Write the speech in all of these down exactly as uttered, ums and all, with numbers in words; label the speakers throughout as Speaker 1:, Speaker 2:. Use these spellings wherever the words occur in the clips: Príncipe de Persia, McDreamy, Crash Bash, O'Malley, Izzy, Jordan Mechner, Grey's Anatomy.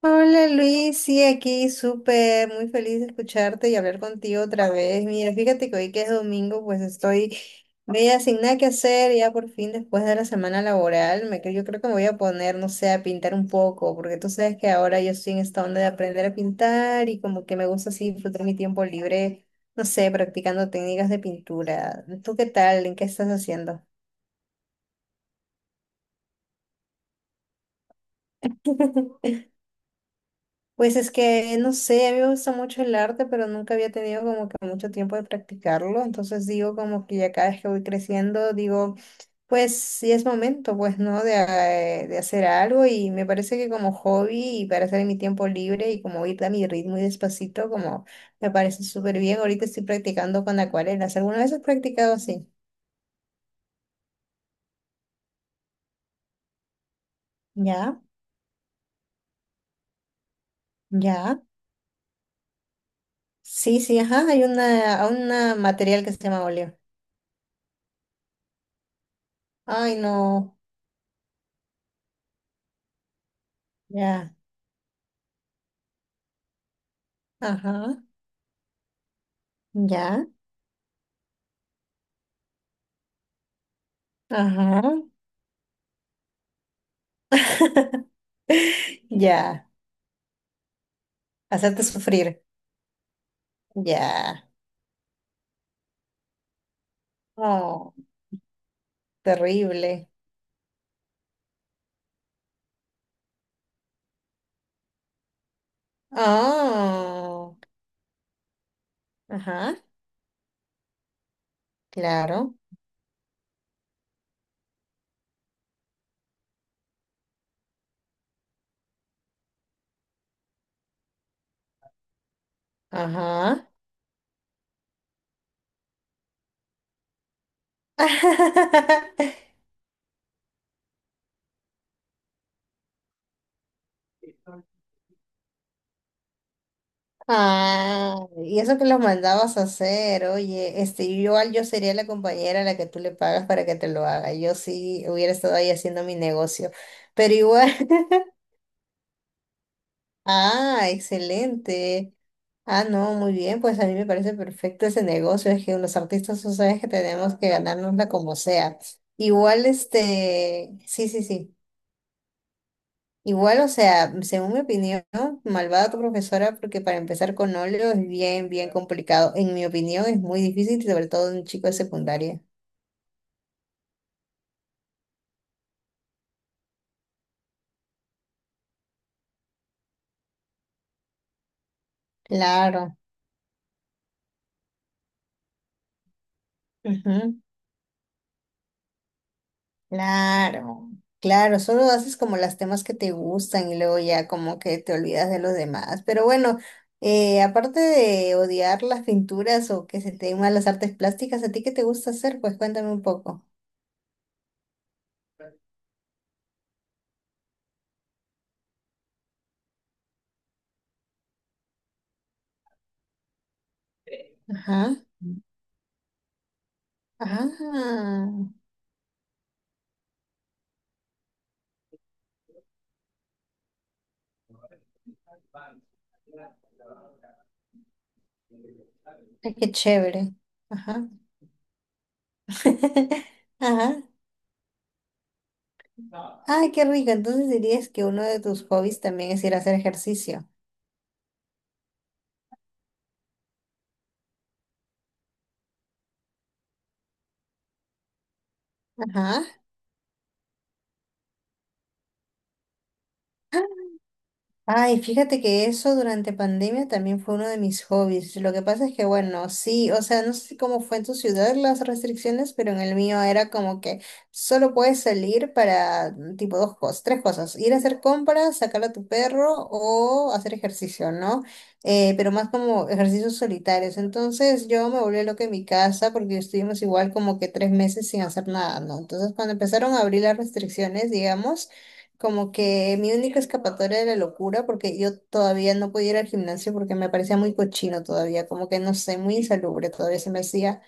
Speaker 1: Hola Luis, sí, aquí súper, muy feliz de escucharte y hablar contigo otra vez. Mira, fíjate que hoy que es domingo, pues estoy media sin nada que hacer, ya por fin después de la semana laboral, me, cre- yo creo que me voy a poner, no sé, a pintar un poco, porque tú sabes que ahora yo estoy en esta onda de aprender a pintar y como que me gusta así disfrutar mi tiempo libre, no sé, practicando técnicas de pintura. ¿Tú qué tal? ¿En qué estás haciendo? Pues es que, no sé, a mí me gusta mucho el arte, pero nunca había tenido como que mucho tiempo de practicarlo. Entonces digo como que ya cada vez que voy creciendo, digo, pues sí es momento, pues, ¿no? De, eh, de hacer algo y me parece que como hobby y para hacer en mi tiempo libre y como ir a mi ritmo y despacito, como me parece súper bien. Ahorita estoy practicando con acuarelas. ¿Alguna vez has practicado así? Ya, ya. Sí, sí, ajá, hay una, una material que se llama óleo. Ay, no, ya, ajá. Ya, ajá, ya, hacerte sufrir, ya, oh, terrible, oh, ajá, claro, ajá, ah, y eso que lo mandabas a hacer, oye, este, yo igual yo sería la compañera a la que tú le pagas para que te lo haga, yo sí hubiera estado ahí haciendo mi negocio, pero igual. Ah, excelente. Ah, no, muy bien, pues a mí me parece perfecto ese negocio, es que los artistas, tú sabes que tenemos que ganárnosla como sea. Igual, este, sí, sí, sí. Igual, o sea, según mi opinión, malvada tu profesora, porque para empezar con óleo es bien, bien complicado. En mi opinión, es muy difícil, sobre todo en un chico de secundaria. Claro. Ujú. Claro, claro, solo haces como las temas que te gustan y luego ya como que te olvidas de los demás. Pero bueno, eh, aparte de odiar las pinturas o que se te den mal las artes plásticas, ¿a ti qué te gusta hacer? Pues cuéntame un poco. Ajá, ajá, ay, qué chévere. Ajá, ajá. Ay, qué rico. Entonces dirías que uno de tus hobbies también es ir a hacer ejercicio. Ajá. Ay, fíjate que eso durante pandemia también fue uno de mis hobbies. Lo que pasa es que, bueno, sí, o sea, no sé cómo fue en tu ciudad las restricciones, pero en el mío era como que solo puedes salir para mm, tipo dos cosas, tres cosas, ir a hacer compras, sacar a tu perro o hacer ejercicio, ¿no? Eh, pero más como ejercicios solitarios. Entonces yo me volví loca en mi casa porque estuvimos igual como que tres meses sin hacer nada, ¿no? Entonces cuando empezaron a abrir las restricciones, digamos, como que mi única escapatoria de la locura, porque yo todavía no podía ir al gimnasio porque me parecía muy cochino todavía, como que no sé, muy insalubre todavía se me hacía.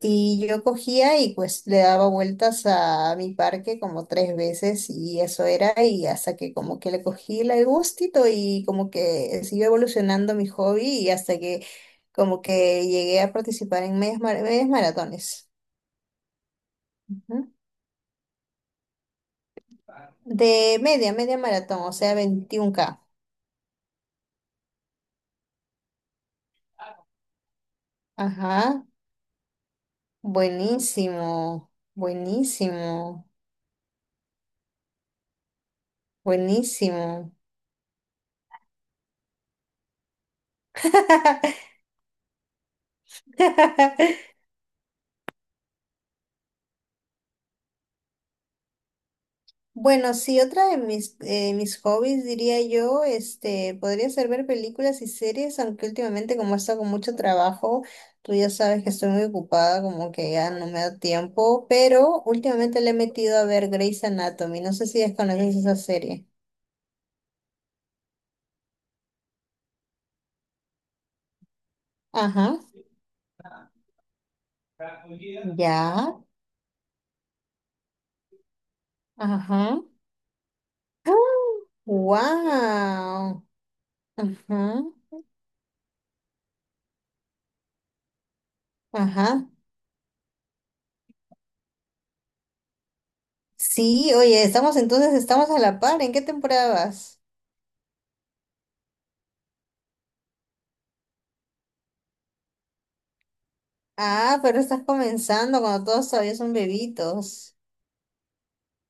Speaker 1: Y yo cogía y pues le daba vueltas a mi parque como tres veces y eso era, y hasta que como que le cogí el gustito y como que siguió evolucionando mi hobby y hasta que como que llegué a participar en medias, mar- medias maratones. Ujú. De media, media maratón, o sea, veintiún k. Ajá. Buenísimo, buenísimo, buenísimo. Bueno, sí, otra de mis, eh, mis hobbies, diría yo, este, podría ser ver películas y series, aunque últimamente como he estado con mucho trabajo, tú ya sabes que estoy muy ocupada, como que ya no me da tiempo, pero últimamente le he metido a ver Grey's Anatomy, no sé si desconoces esa serie. Ajá. Ya, ajá. ¡Wow! Ajá. Ajá. Sí, oye, estamos entonces, estamos a la par. ¿En qué temporada vas? Ah, pero estás comenzando cuando todos todavía son bebitos.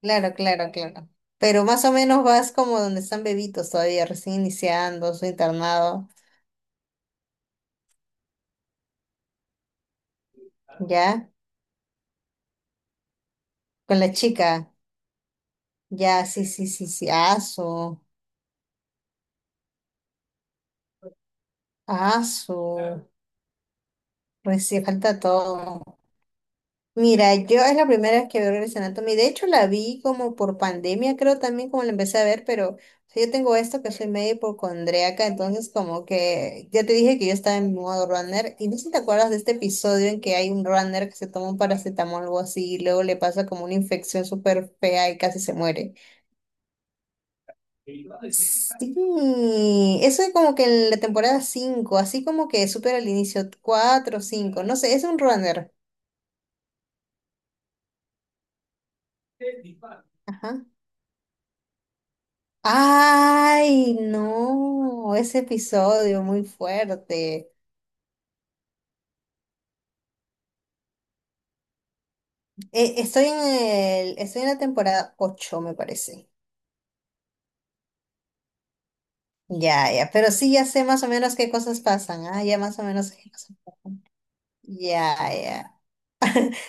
Speaker 1: Claro, claro, claro. Pero más o menos vas como donde están bebitos todavía, recién iniciando su internado, ¿ya? Con la chica. Ya, sí, sí, sí, sí. Asu, asu. Pues sí, falta todo. Mira, yo es la primera vez que veo Grey's Anatomy. De hecho, la vi como por pandemia, creo también como la empecé a ver, pero o sea, yo tengo esto que soy medio hipocondríaca, entonces como que ya te dije que yo estaba en modo runner. Y no sé si te acuerdas de este episodio en que hay un runner que se toma un paracetamol o algo así y luego le pasa como una infección súper fea y casi se muere. Sí, eso es como que en la temporada cinco, así como que supera al inicio cuatro o cinco, no sé, es un runner. Ajá. Ay, no, ese episodio muy fuerte. Eh, estoy en el, estoy en la temporada ocho me parece. Ya, ya, pero sí ya sé más o menos qué cosas pasan. Ah, ya más o menos sé qué cosas pasan. Ya, ya.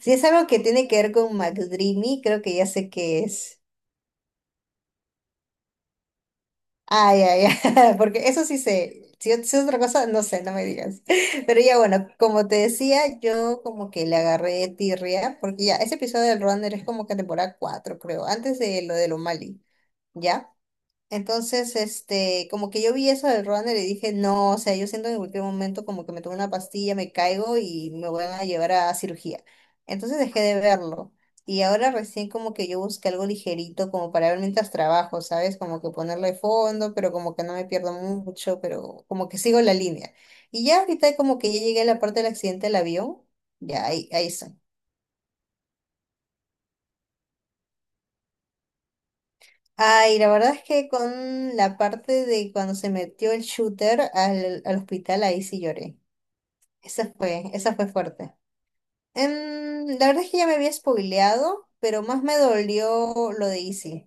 Speaker 1: Si es algo que tiene que ver con McDreamy, creo que ya sé qué es. Ay, ay, ay, porque eso sí sé. Si es si es otra cosa, no sé, no me digas. Pero ya bueno, como te decía, yo como que le agarré tirria, porque ya ese episodio del Runner es como que temporada cuatro, creo, antes de lo de O'Malley, ¿ya? Entonces, este, como que yo vi eso del runner y dije, no, o sea, yo siento que en cualquier momento como que me tomo una pastilla, me caigo y me van a llevar a cirugía. Entonces dejé de verlo. Y ahora recién como que yo busqué algo ligerito como para ver mientras trabajo, ¿sabes? Como que ponerle fondo, pero como que no me pierdo mucho, pero como que sigo la línea. Y ya ahorita como que ya llegué a la parte del accidente del avión, ya ahí, ahí estoy. Ay, la verdad es que con la parte de cuando se metió el shooter al, al hospital, ahí sí lloré. Esa fue, esa fue fuerte. Em, la verdad es que ya me había spoileado, pero más me dolió lo de Izzy.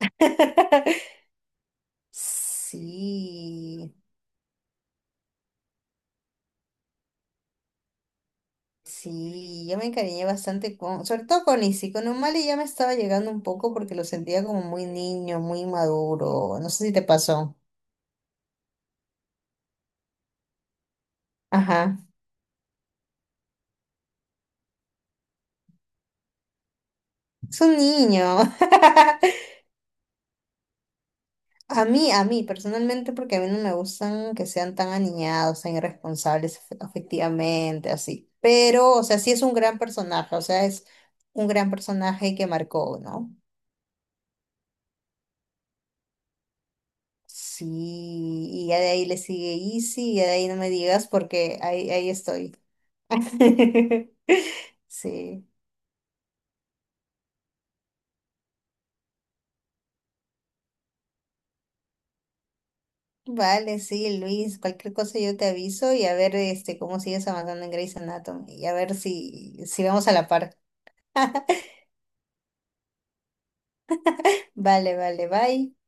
Speaker 1: Sí, sí, yo me encariñé bastante con, sobre todo con Izzy, con Umali ya me estaba llegando un poco porque lo sentía como muy niño, muy maduro, no sé si te pasó. Ajá, es un niño. A mí, a mí personalmente, porque a mí no me gustan que sean tan aniñados, tan irresponsables afe- afectivamente así. Pero, o sea, sí es un gran personaje, o sea, es un gran personaje que marcó, ¿no? Sí, y ya de ahí le sigue Easy, y ya de ahí no me digas porque ahí, ahí estoy. Sí. Vale, sí, Luis, cualquier cosa yo te aviso y a ver este cómo sigues avanzando en Grey's Anatomy y a ver si, si vamos a la par. Vale, vale, bye.